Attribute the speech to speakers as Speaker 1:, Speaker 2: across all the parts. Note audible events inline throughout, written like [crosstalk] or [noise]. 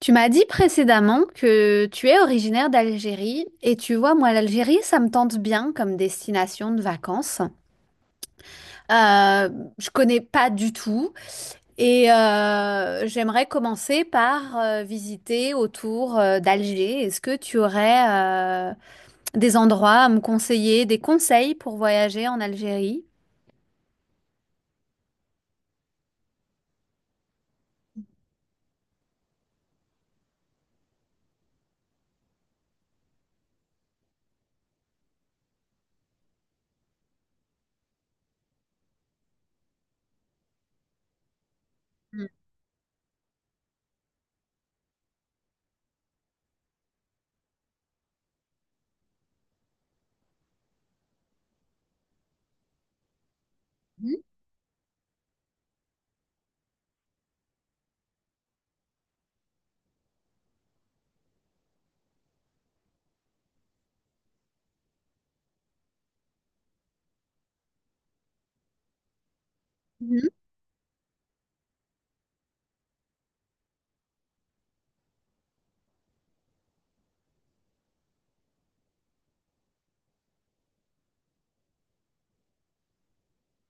Speaker 1: Tu m'as dit précédemment que tu es originaire d'Algérie et tu vois, moi, l'Algérie, ça me tente bien comme destination de vacances. Euh, je connais pas du tout et j'aimerais commencer par visiter autour d'Alger. Est-ce que tu aurais des endroits à me conseiller, des conseils pour voyager en Algérie? Mhm. Mhm.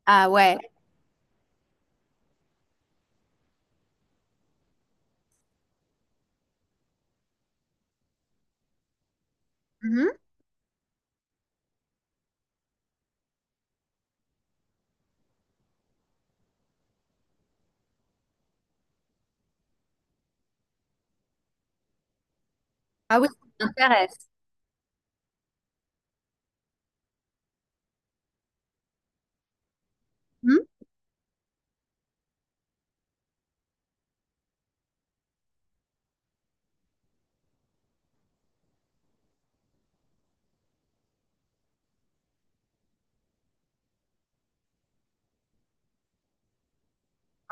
Speaker 1: Ah ouais. Mhm. Ah oui, ça m'intéresse.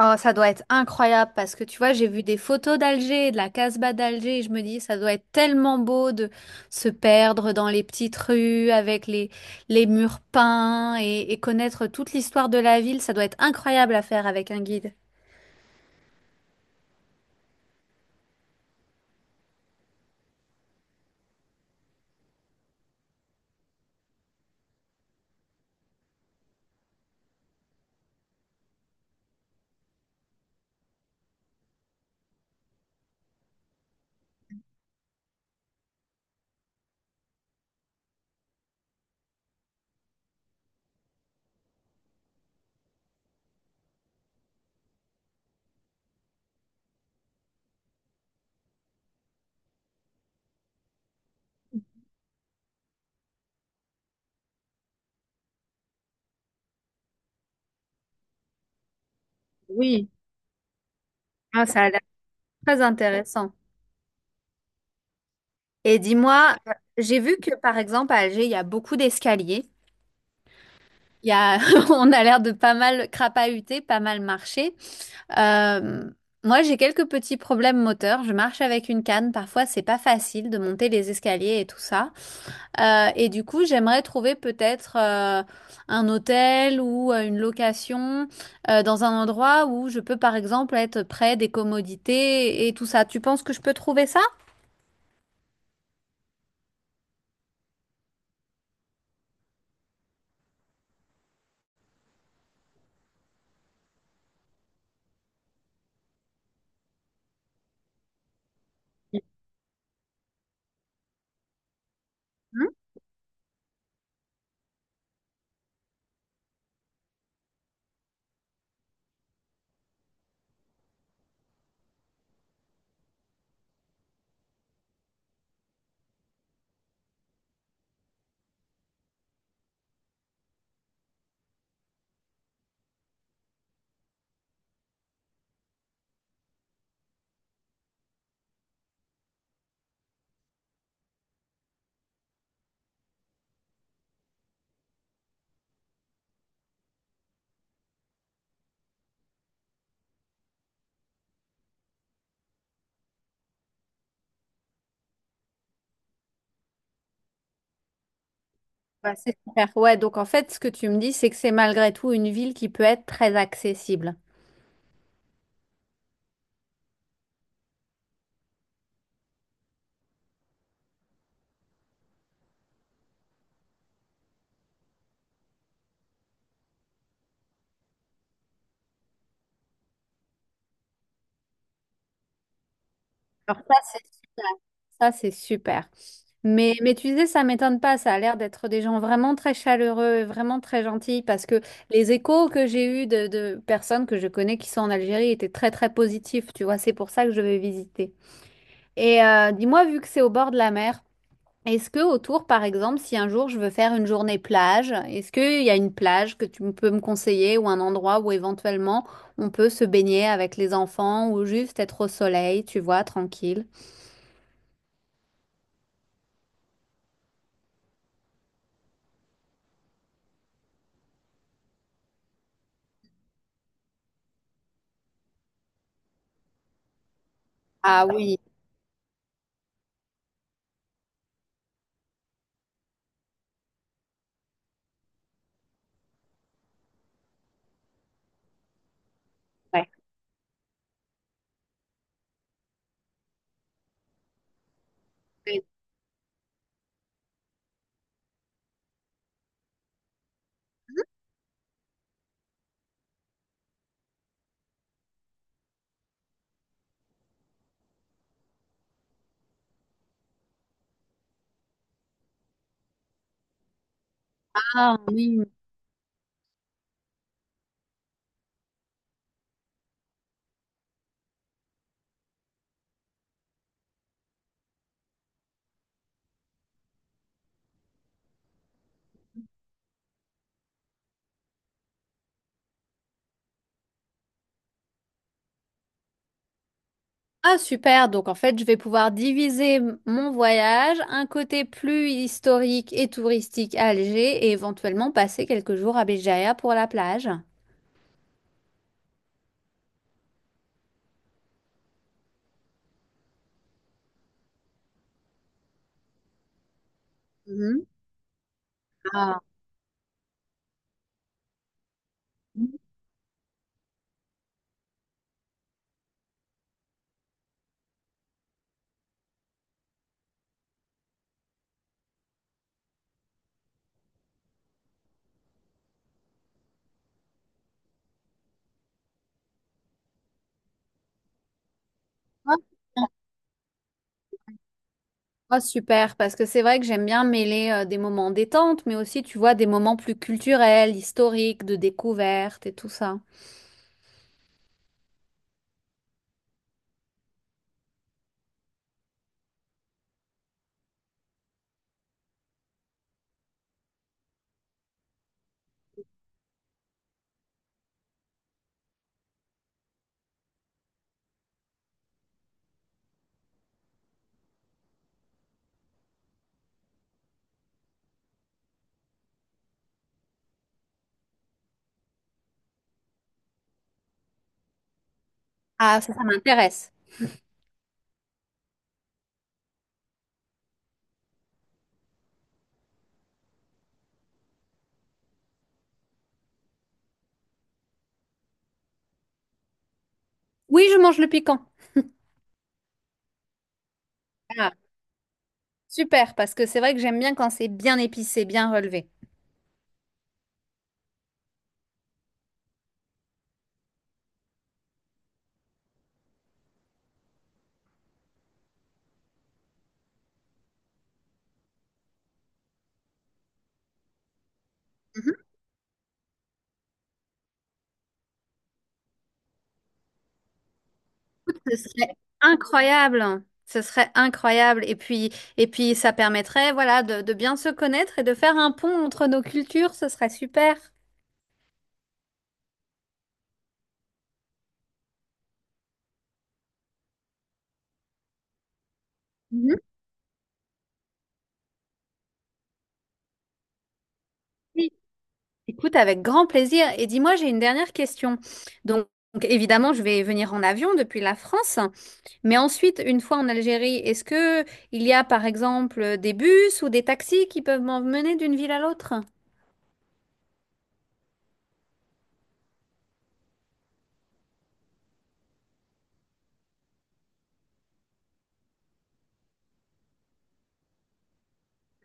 Speaker 1: Oh, ça doit être incroyable parce que tu vois, j'ai vu des photos d'Alger, de la Casbah d'Alger, et je me dis, ça doit être tellement beau de se perdre dans les petites rues avec les murs peints et connaître toute l'histoire de la ville. Ça doit être incroyable à faire avec un guide. Oui. Ah, ça a l'air très intéressant. Et dis-moi, j'ai vu que par exemple à Alger, il y a beaucoup d'escaliers. Il y a, [laughs] on a l'air de pas mal crapahuter, pas mal marcher. Euh, Moi, j'ai quelques petits problèmes moteurs. Je marche avec une canne. Parfois, c'est pas facile de monter les escaliers et tout ça. Et du coup, j'aimerais trouver peut-être un hôtel ou une location dans un endroit où je peux, par exemple, être près des commodités et tout ça. Tu penses que je peux trouver ça? Bah, c'est super. Ouais, donc en fait, ce que tu me dis, c'est que c'est malgré tout une ville qui peut être très accessible. Alors ça, c'est super. Mais tu disais, ça m'étonne pas, ça a l'air d'être des gens vraiment très chaleureux, vraiment très gentils, parce que les échos que j'ai eus de personnes que je connais qui sont en Algérie étaient très très positifs, tu vois, c'est pour ça que je vais visiter. Et dis-moi, vu que c'est au bord de la mer, est-ce que autour, par exemple, si un jour je veux faire une journée plage, est-ce qu'il y a une plage que tu peux me conseiller ou un endroit où éventuellement on peut se baigner avec les enfants ou juste être au soleil, tu vois, tranquille? Ah oui. Ouais. Ah oui. Ah super, donc en fait je vais pouvoir diviser mon voyage, un côté plus historique et touristique à Alger et éventuellement passer quelques jours à Béjaïa pour la plage. Mhm. Ah. Ah, super, parce que c'est vrai que j'aime bien mêler des moments détente, mais aussi tu vois des moments plus culturels, historiques, de découverte et tout ça. Ah ça, ça m'intéresse. Oui, je mange le piquant. Ah, super, parce que c'est vrai que j'aime bien quand c'est bien épicé, bien relevé. Ce serait incroyable, hein. Ce serait incroyable. Et puis ça permettrait, voilà, de bien se connaître et de faire un pont entre nos cultures. Ce serait super. Mhm. Oui. Écoute, avec grand plaisir. Et dis-moi, j'ai une dernière question. Donc, donc, évidemment, je vais venir en avion depuis la France. Mais ensuite, une fois en Algérie, est-ce que il y a, par exemple, des bus ou des taxis qui peuvent m'emmener d'une ville à l'autre?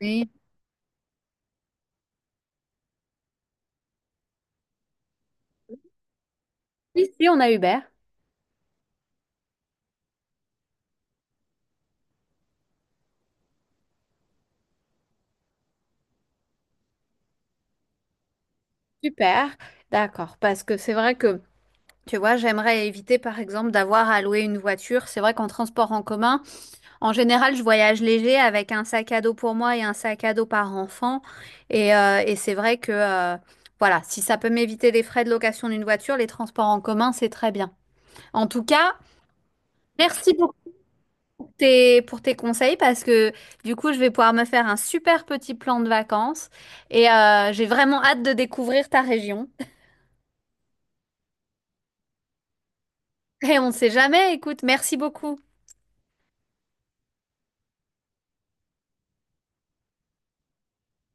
Speaker 1: Oui. Ici, on a Uber. Super. D'accord. Parce que c'est vrai que tu vois, j'aimerais éviter par exemple d'avoir à louer une voiture. C'est vrai qu'en transport en commun, en général, je voyage léger avec un sac à dos pour moi et un sac à dos par enfant. Et c'est vrai que voilà, si ça peut m'éviter les frais de location d'une voiture, les transports en commun, c'est très bien. En tout cas, merci pour pour tes conseils parce que du coup, je vais pouvoir me faire un super petit plan de vacances et j'ai vraiment hâte de découvrir ta région. [laughs] Et on ne sait jamais, écoute, merci beaucoup.